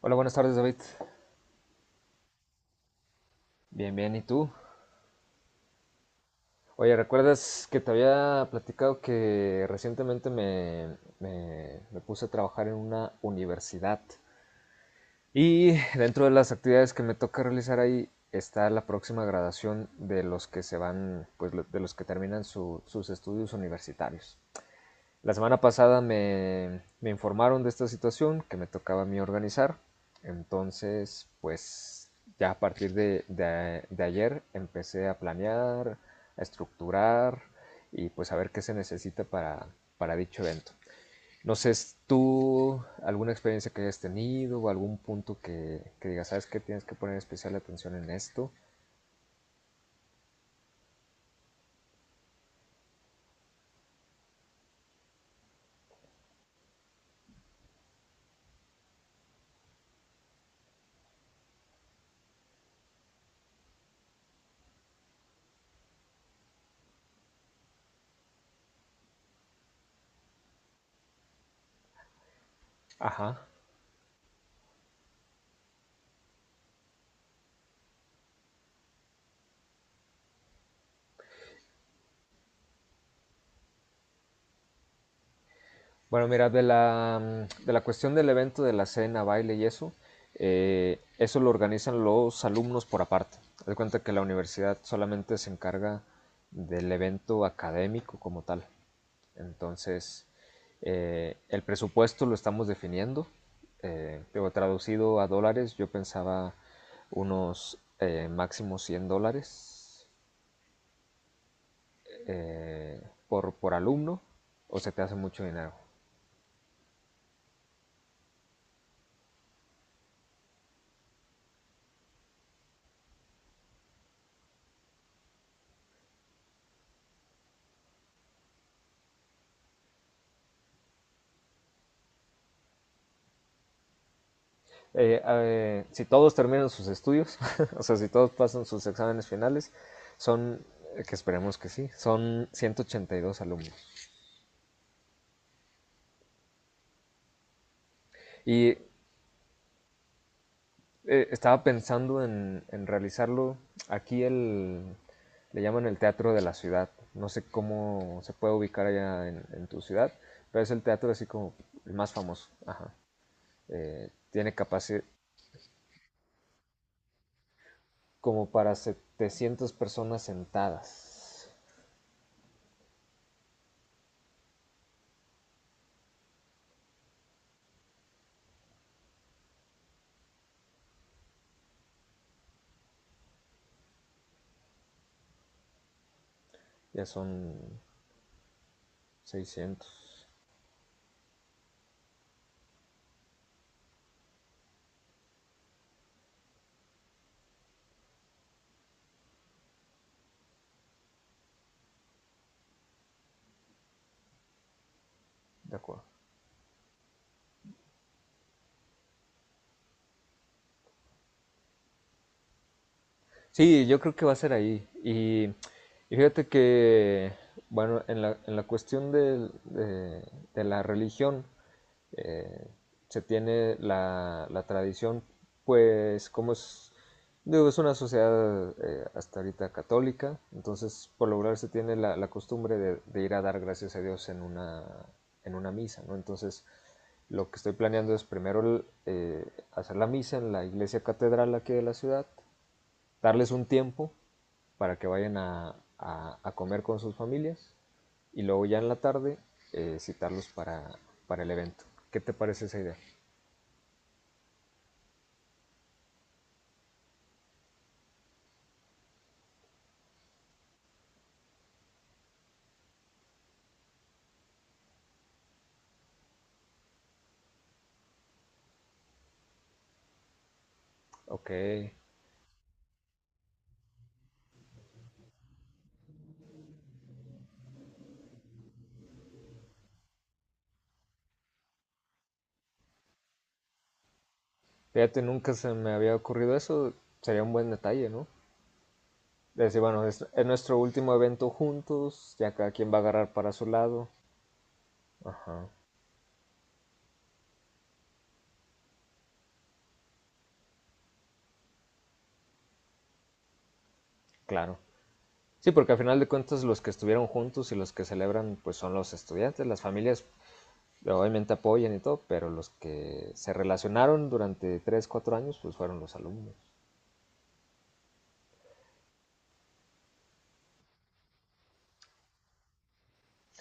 Hola, buenas tardes, David. Bien, bien, ¿y tú? Oye, ¿recuerdas que te había platicado que recientemente me puse a trabajar en una universidad? Y dentro de las actividades que me toca realizar ahí está la próxima graduación de los que se van, de los que terminan sus estudios universitarios. La semana pasada me informaron de esta situación que me tocaba a mí organizar. Entonces, pues ya a partir de ayer empecé a planear, a estructurar y pues a ver qué se necesita para dicho evento. No sé, tú alguna experiencia que hayas tenido o algún punto que digas, ¿sabes qué? Tienes que poner especial atención en esto. Ajá. Bueno, mira, de la cuestión del evento, de la cena, baile y eso, eso lo organizan los alumnos por aparte. Haz de cuenta que la universidad solamente se encarga del evento académico como tal. Entonces, el presupuesto lo estamos definiendo. Digo, traducido a dólares, yo pensaba unos máximo 100 dólares eh, por alumno, o se te hace mucho dinero. Si todos terminan sus estudios, o sea, si todos pasan sus exámenes finales, son, que esperemos que sí, son 182 alumnos. Y estaba pensando en realizarlo aquí, le llaman el Teatro de la Ciudad. No sé cómo se puede ubicar allá en tu ciudad, pero es el teatro así como el más famoso. Ajá. Tiene capacidad como para 700 personas sentadas. Ya son 600. De acuerdo. Sí, yo creo que va a ser ahí. Y fíjate que, bueno, en en la cuestión de la religión, eh, se tiene la tradición, pues, como es, digo, es una sociedad hasta ahorita católica, entonces por lo regular se tiene la costumbre de ir a dar gracias a Dios en una misa, ¿no? Entonces, lo que estoy planeando es primero hacer la misa en la iglesia catedral aquí de la ciudad, darles un tiempo para que vayan a comer con sus familias y luego ya en la tarde citarlos para el evento. ¿Qué te parece esa idea? Ok, fíjate, nunca se me había ocurrido eso, sería un buen detalle, ¿no? Decir, bueno, es nuestro último evento juntos, ya cada quien va a agarrar para su lado. Ajá, claro. Sí, porque al final de cuentas los que estuvieron juntos y los que celebran pues son los estudiantes, las familias obviamente apoyan y todo, pero los que se relacionaron durante 3 4 años, pues fueron los alumnos.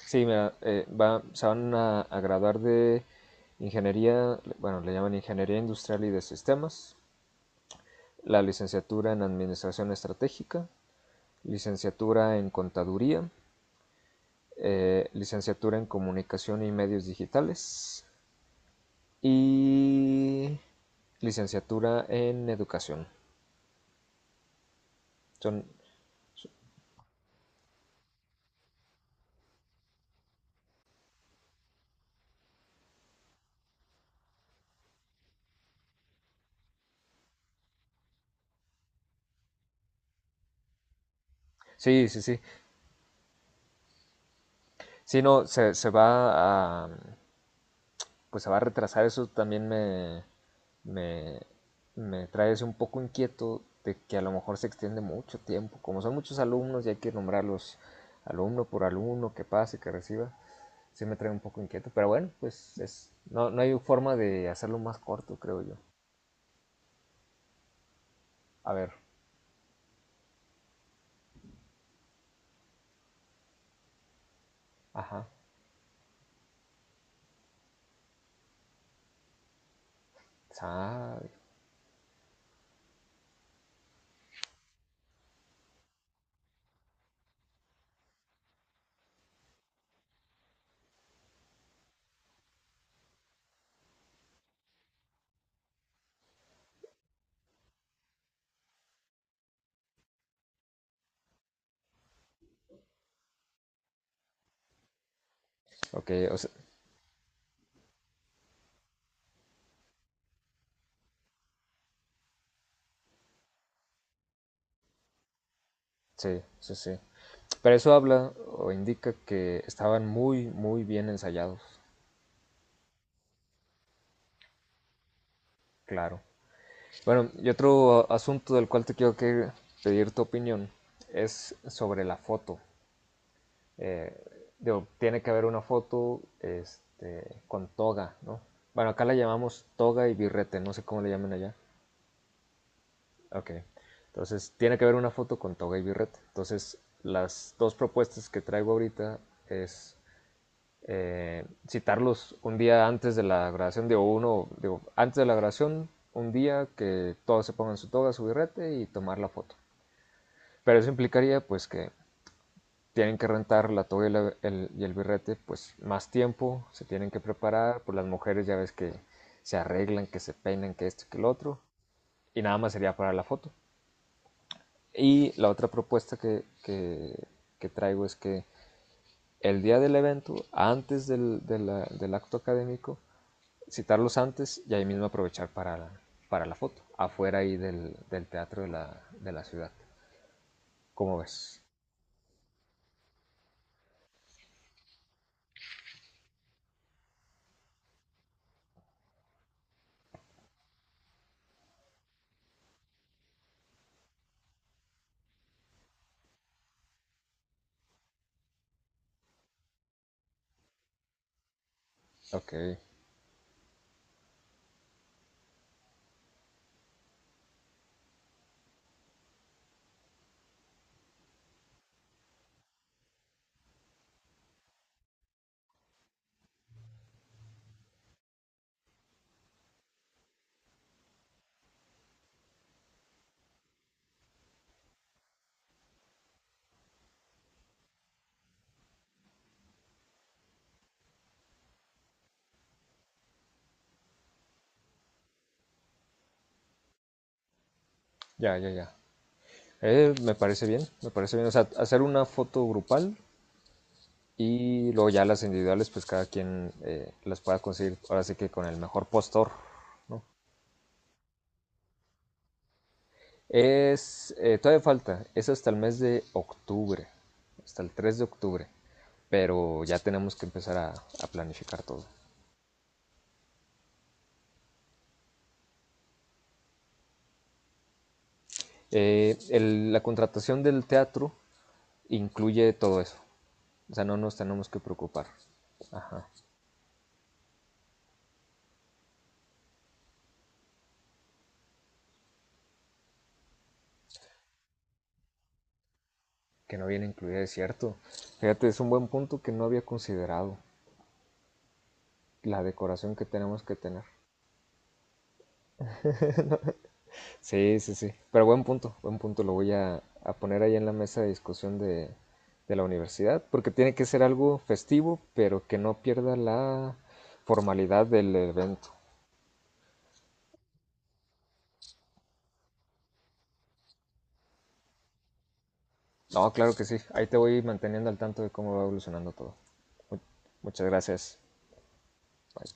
Sí, mira, se van a graduar de ingeniería, bueno, le llaman ingeniería industrial y de sistemas, la licenciatura en administración estratégica, licenciatura en contaduría, licenciatura en comunicación y medios digitales y licenciatura en educación. Son, sí, sí, sí. Sí, no, se va a, pues se va a retrasar, eso también me me trae ese un poco inquieto de que a lo mejor se extiende mucho tiempo. Como son muchos alumnos y hay que nombrarlos alumno por alumno, que pase, que reciba, sí me trae un poco inquieto. Pero bueno, pues es, no, no hay forma de hacerlo más corto, creo yo. A ver, ajá, sabe. Ok, o sea, sí, sí, sí. Pero eso habla o indica que estaban muy, muy bien ensayados, claro. Bueno, y otro asunto del cual te quiero que pedir tu opinión es sobre la foto. Eh, Digo, tiene que haber una foto este, con toga, ¿no? Bueno, acá la llamamos toga y birrete, no sé cómo le llaman allá. Ok, entonces tiene que haber una foto con toga y birrete. Entonces, las dos propuestas que traigo ahorita es citarlos un día antes de la grabación, digo, uno, digo, antes de la grabación, un día que todos se pongan su toga, su birrete y tomar la foto. Pero eso implicaría pues que tienen que rentar la toga y y el birrete pues más tiempo, se tienen que preparar, pues las mujeres ya ves que se arreglan, que se peinan, que esto, que lo otro, y nada más sería para la foto. Y la otra propuesta que traigo es que el día del evento, antes del, de la- del acto académico, citarlos antes y ahí mismo aprovechar para para la foto, afuera ahí del teatro de de la ciudad. ¿Cómo ves? Ok, ya, ya, ya. Me parece bien, me parece bien. O sea, hacer una foto grupal y luego ya las individuales, pues cada quien las pueda conseguir. Ahora sí que con el mejor postor, ¿no? Es, todavía falta, es hasta el mes de octubre, hasta el 3 de octubre, pero ya tenemos que empezar a planificar todo. La contratación del teatro incluye todo eso, o sea, no nos tenemos que preocupar. Ajá, que no viene incluida, es cierto. Fíjate, es un buen punto que no había considerado. La decoración que tenemos que tener. Sí, sí, sí. Pero buen punto, buen punto. Lo voy a poner ahí en la mesa de discusión de la universidad, porque tiene que ser algo festivo, pero que no pierda la formalidad del evento. No, claro que sí. Ahí te voy manteniendo al tanto de cómo va evolucionando todo. Mu- Muchas gracias. Bye.